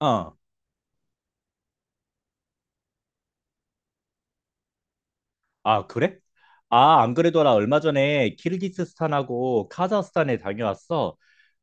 어. 아, 그래? 아, 안 그래도 나 얼마 전에 키르기스스탄하고 카자흐스탄에 다녀왔어.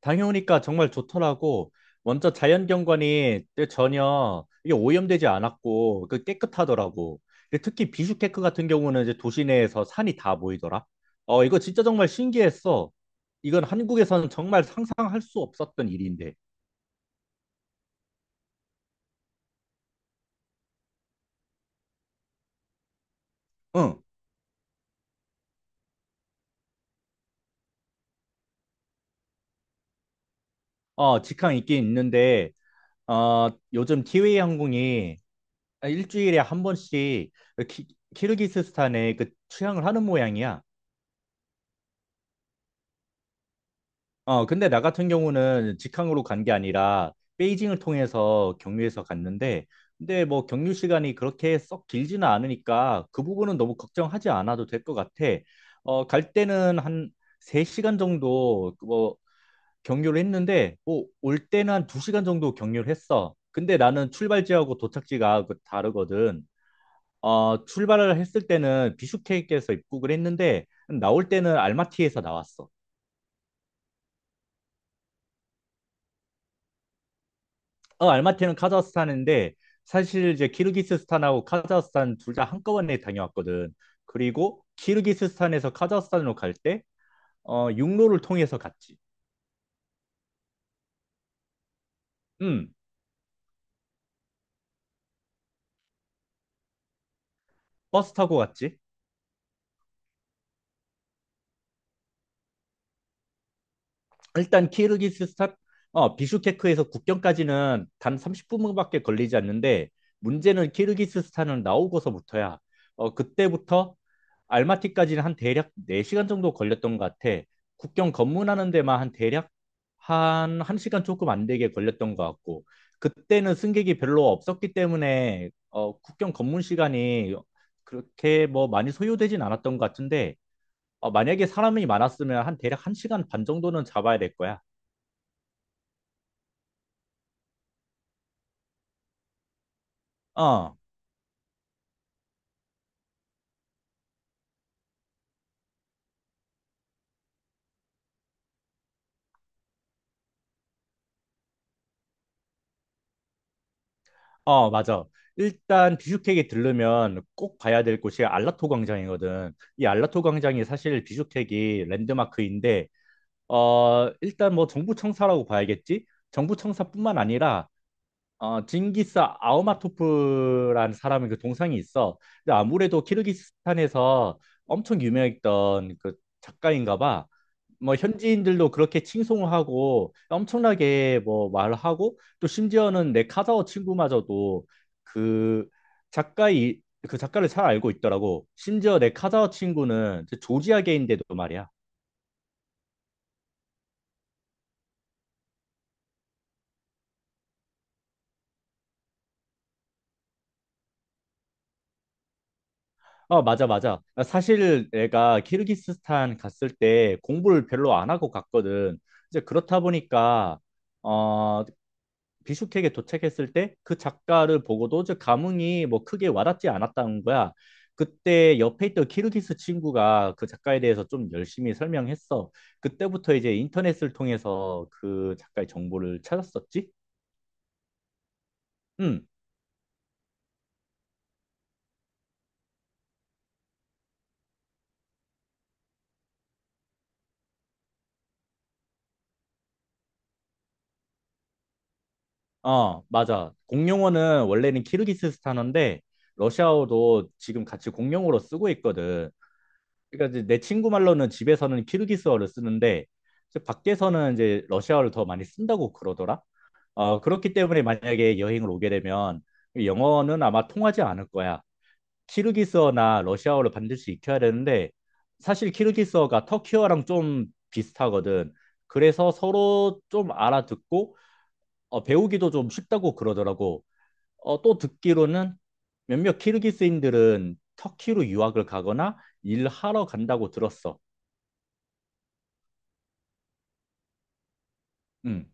다녀오니까 정말 좋더라고. 먼저 자연경관이 전혀 이게 오염되지 않았고 그 깨끗하더라고. 근데 특히 비슈케크 같은 경우는 이제 도시 내에서 산이 다 보이더라. 이거 진짜 정말 신기했어. 이건 한국에서는 정말 상상할 수 없었던 일인데. 응. 직항 있긴 있는데 요즘 티웨이 항공이 일주일에 한 번씩 키르기스스탄에 그 취항을 하는 모양이야. 근데 나 같은 경우는 직항으로 간 게 아니라 베이징을 통해서 경유해서 갔는데, 근데 뭐 경유 시간이 그렇게 썩 길지는 않으니까 그 부분은 너무 걱정하지 않아도 될 것 같아. 갈 때는 한 3시간 정도 그뭐 경유를 했는데, 뭐 올 때는 한 2시간 정도 경유를 했어. 근데 나는 출발지하고 도착지가 그 다르거든. 출발을 했을 때는 비슈케크에서 입국을 했는데 나올 때는 알마티에서 나왔어. 알마티는 카자흐스탄인데 사실 이제 키르기스스탄하고 카자흐스탄 둘 다 한꺼번에 다녀왔거든. 그리고 키르기스스탄에서 카자흐스탄으로 갈 때 육로를 통해서 갔지. 음, 버스 타고 갔지. 일단 키르기스스탄 비슈케크에서 국경까지는 단 30분밖에 걸리지 않는데 문제는 키르기스스탄을 나오고서부터야. 그때부터 알마티까지는 한 대략 4시간 정도 걸렸던 것 같아. 국경 검문하는 데만 한 대략 한 1시간 조금 안 되게 걸렸던 것 같고, 그때는 승객이 별로 없었기 때문에 국경 검문 시간이 그렇게 뭐 많이 소요되진 않았던 것 같은데, 만약에 사람이 많았으면 한 대략 1시간 반 정도는 잡아야 될 거야. 어, 어, 맞아. 일단 비주택에 들르면 꼭 봐야 될 곳이 알라토 광장이거든. 이 알라토 광장이 사실 비주택이 랜드마크인데, 일단 뭐 정부청사라고 봐야겠지? 정부청사뿐만 아니라 징기스 아우마토프라는 사람의 그 동상이 있어. 근데 아무래도 키르기스탄에서 엄청 유명했던 그 작가인가 봐. 뭐 현지인들도 그렇게 칭송을 하고 엄청나게 뭐 말을 하고, 또 심지어는 내 카자흐 친구마저도 그 작가이 그 작가를 잘 알고 있더라고. 심지어 내 카자흐 친구는 그 조지아계인데도 말이야. 맞아, 맞아. 사실 내가 키르기스스탄 갔을 때 공부를 별로 안 하고 갔거든. 이제 그렇다 보니까, 어, 비슈케크에 도착했을 때 그 작가를 보고도 저 감흥이 뭐 크게 와닿지 않았다는 거야. 그때 옆에 있던 키르기스 친구가 그 작가에 대해서 좀 열심히 설명했어. 그때부터 이제 인터넷을 통해서 그 작가의 정보를 찾았었지? 응. 맞아. 공용어는 원래는 키르기스스탄어인데 러시아어도 지금 같이 공용어로 쓰고 있거든. 그러니까 이제 내 친구 말로는 집에서는 키르기스어를 쓰는데 이제 밖에서는 이제 러시아어를 더 많이 쓴다고 그러더라. 그렇기 때문에 만약에 여행을 오게 되면 영어는 아마 통하지 않을 거야. 키르기스어나 러시아어를 반드시 익혀야 되는데 사실 키르기스어가 터키어랑 좀 비슷하거든. 그래서 서로 좀 알아듣고 배우기도 좀 쉽다고 그러더라고. 또 듣기로는 몇몇 키르기스인들은 터키로 유학을 가거나 일하러 간다고 들었어. 음.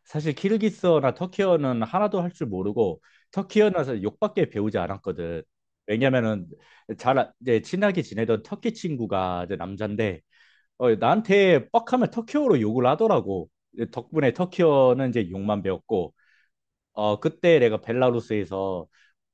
사실 키르기스어나 터키어는 하나도 할 줄 모르고 터키어는 사실 욕밖에 배우지 않았거든. 왜냐면은 이제 친하게 지내던 터키 친구가 이제 남잔데 나한테 뻑하면 터키어로 욕을 하더라고. 덕분에 터키어는 이제 욕만 배웠고 그때 내가 벨라루스에서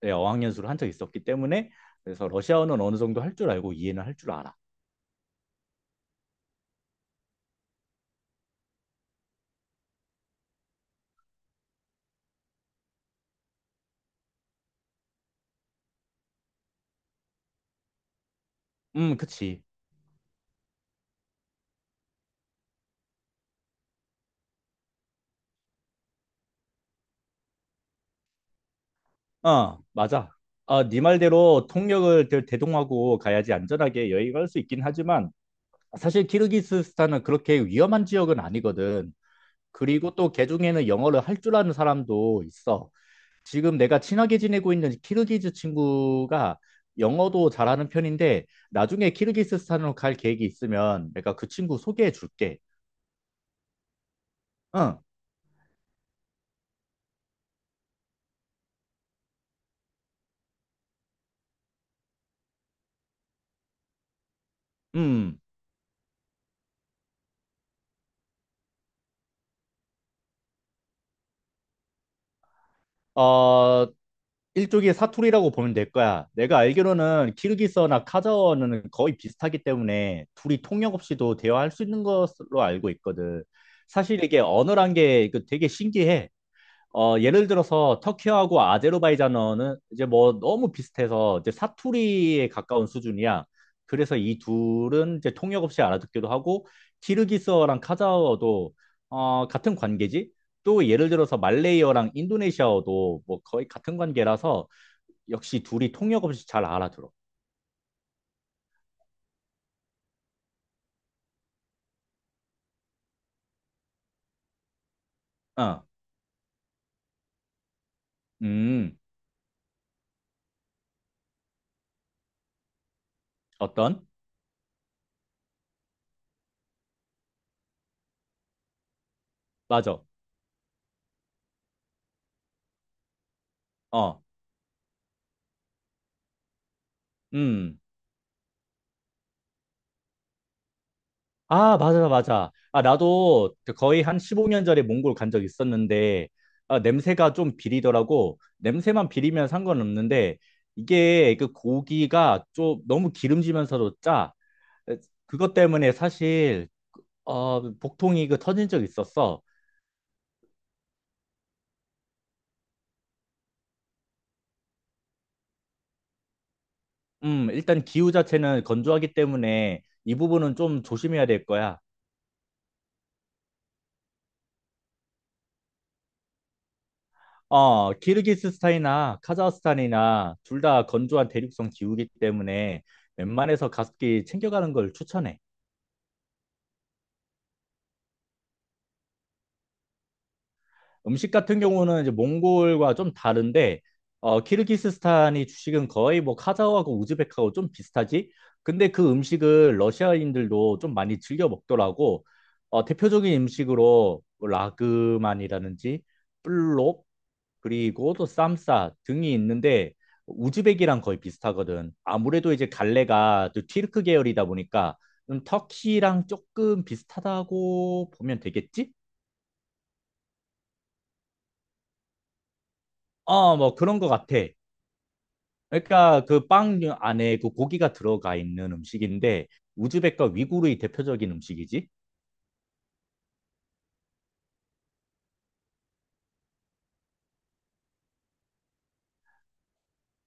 네, 어학연수를 한 적이 있었기 때문에 그래서 러시아어는 어느 정도 할 줄 알고 이해는 할 줄 알아. 그치. 맞아. 아, 네 말대로 통역을 대동하고 가야지 안전하게 여행할 수 있긴 하지만, 사실 키르기스스탄은 그렇게 위험한 지역은 아니거든. 그리고 또 개중에는 영어를 할 줄 아는 사람도 있어. 지금 내가 친하게 지내고 있는 키르기즈 친구가 영어도 잘하는 편인데 나중에 키르기스스탄으로 갈 계획이 있으면 내가 그 친구 소개해 줄게. 응, 음. 어, 일종의 사투리라고 보면 될 거야. 내가 알기로는 키르기스어나 카자흐어는 거의 비슷하기 때문에 둘이 통역 없이도 대화할 수 있는 것으로 알고 있거든. 사실 이게 언어란 게 그 되게 신기해. 예를 들어서 터키하고 아제르바이잔어는 이제 뭐 너무 비슷해서 이제 사투리에 가까운 수준이야. 그래서 이 둘은 이제 통역 없이 알아듣기도 하고, 키르기스어랑 카자흐어도 같은 관계지. 또 예를 들어서 말레이어랑 인도네시아어도 뭐 거의 같은 관계라서 역시 둘이 통역 없이 잘 알아들어. 어, 음, 어떤? 맞아. 어, 음. 아, 맞아, 맞아. 아, 나도 그 거의 한 15년 전에 몽골 간 적 있었는데, 아, 냄새가 좀 비리더라고. 냄새만 비리면 상관없는데, 이게 그 고기가 좀 너무 기름지면서도 짜. 그것 때문에 사실, 복통이 그 터진 적 있었어. 일단 기후 자체는 건조하기 때문에 이 부분은 좀 조심해야 될 거야. 키르기스스탄이나 카자흐스탄이나 둘 다 건조한 대륙성 기후이기 때문에 웬만해서 가습기 챙겨가는 걸 추천해. 음식 같은 경우는 이제 몽골과 좀 다른데, 키르기스스탄이 주식은 거의 뭐 카자흐하고 우즈벡하고 좀 비슷하지? 근데 그 음식을 러시아인들도 좀 많이 즐겨 먹더라고. 대표적인 음식으로 뭐 라그만이라든지, 플롭, 그리고 또 쌈싸 등이 있는데 우즈벡이랑 거의 비슷하거든. 아무래도 이제 갈래가 또 튀르크 계열이다 보니까 좀 터키랑 조금 비슷하다고 보면 되겠지? 뭐 그런 것 같아. 그러니까 그 빵 안에 그 고기가 들어가 있는 음식인데 우즈벡과 위구르의 대표적인 음식이지.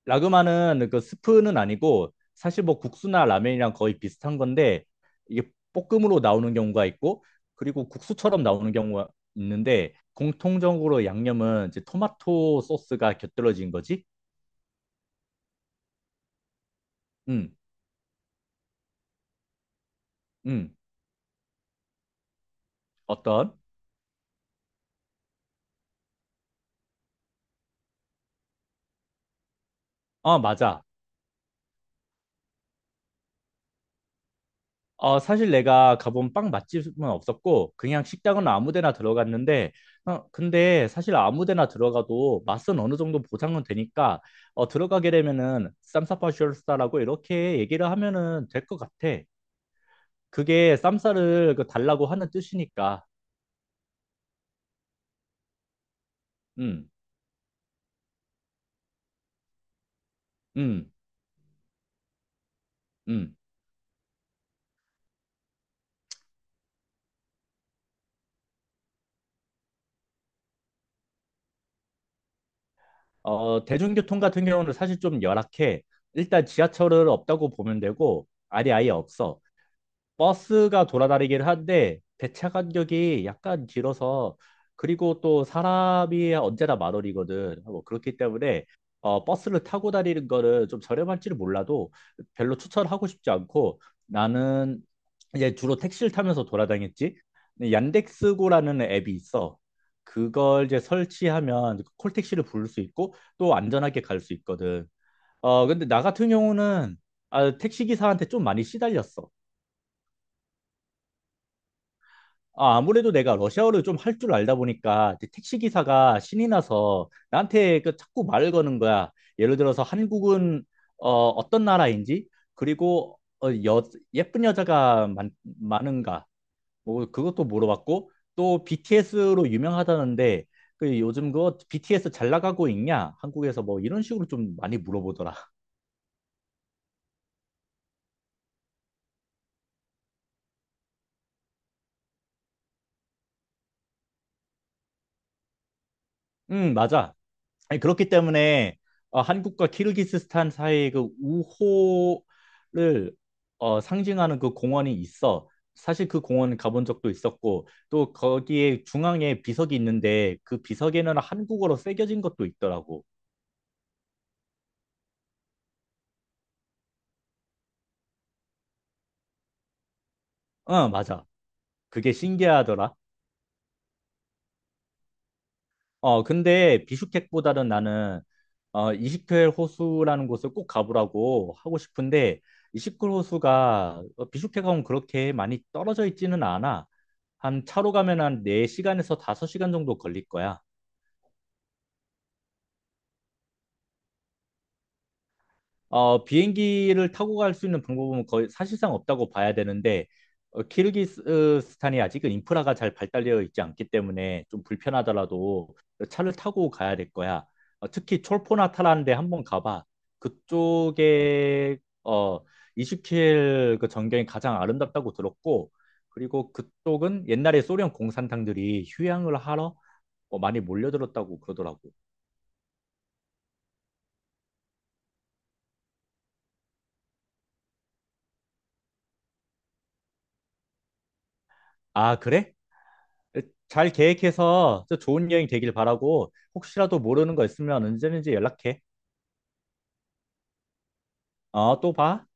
라그마는 그 스프는 아니고 사실 뭐 국수나 라면이랑 거의 비슷한 건데 이게 볶음으로 나오는 경우가 있고 그리고 국수처럼 나오는 경우가 있는데, 공통적으로 양념은 이제 토마토 소스가 곁들여진 거지. 음, 음, 어떤? 맞아. 사실 내가 가본 빵 맛집은 없었고, 그냥 식당은 아무 데나 들어갔는데, 근데 사실 아무 데나 들어가도 맛은 어느 정도 보장은 되니까, 들어가게 되면은 쌈싸파쇼스타라고 이렇게 얘기를 하면은 될 것 같아. 그게 쌈싸를 그 달라고 하는 뜻이니까. 음. 음. 음. 대중교통 같은 경우는 사실 좀 열악해. 일단 지하철은 없다고 보면 되고, 아니 아예 없어. 버스가 돌아다니긴 한데 배차 간격이 약간 길어서 그리고 또 사람이 언제나 만 원이거든. 뭐 그렇기 때문에 버스를 타고 다니는 거는 좀 저렴할지는 몰라도 별로 추천하고 싶지 않고, 나는 이제 주로 택시를 타면서 돌아다녔지. 근데 얀덱스고라는 앱이 있어. 그걸 이제 설치하면 콜택시를 부를 수 있고 또 안전하게 갈 수 있거든. 근데 나 같은 경우는 아, 택시기사한테 좀 많이 시달렸어. 아, 아무래도 내가 러시아어를 좀 할 줄 알다 보니까 이제 택시 기사가 신이 나서 나한테 그 자꾸 말을 거는 거야. 예를 들어서 한국은 어떤 나라인지, 그리고 예쁜 여자가 많은가 뭐 그것도 물어봤고, 또 BTS로 유명하다는데 그 요즘 그거 BTS 잘 나가고 있냐? 한국에서 뭐 이런 식으로 좀 많이 물어보더라. 응, 맞아. 아니, 그렇기 때문에 한국과 키르기스스탄 사이의 그 우호를 상징하는 그 공원이 있어. 사실 그 공원 가본 적도 있었고, 또 거기에 중앙에 비석이 있는데 그 비석에는 한국어로 새겨진 것도 있더라고. 맞아. 그게 신기하더라. 근데 비슈케크보다는 나는 이시클 호수라는 곳을 꼭 가보라고 하고 싶은데, 이시클 호수가 비슈케크하고 그렇게 많이 떨어져 있지는 않아. 한 차로 가면 한 4시간에서 5시간 정도 걸릴 거야. 비행기를 타고 갈 수 있는 방법은 거의 사실상 없다고 봐야 되는데 키르기스탄이 아직은 인프라가 잘 발달되어 있지 않기 때문에 좀 불편하더라도 차를 타고 가야 될 거야. 특히 촐포나타라는 데 한번 가봐. 그쪽에 어, 이슈킬 그 전경이 가장 아름답다고 들었고, 그리고 그쪽은 옛날에 소련 공산당들이 휴양을 하러 많이 몰려들었다고 그러더라고. 아, 그래? 잘 계획해서 또 좋은 여행 되길 바라고 혹시라도 모르는 거 있으면 언제든지 연락해. 또 봐.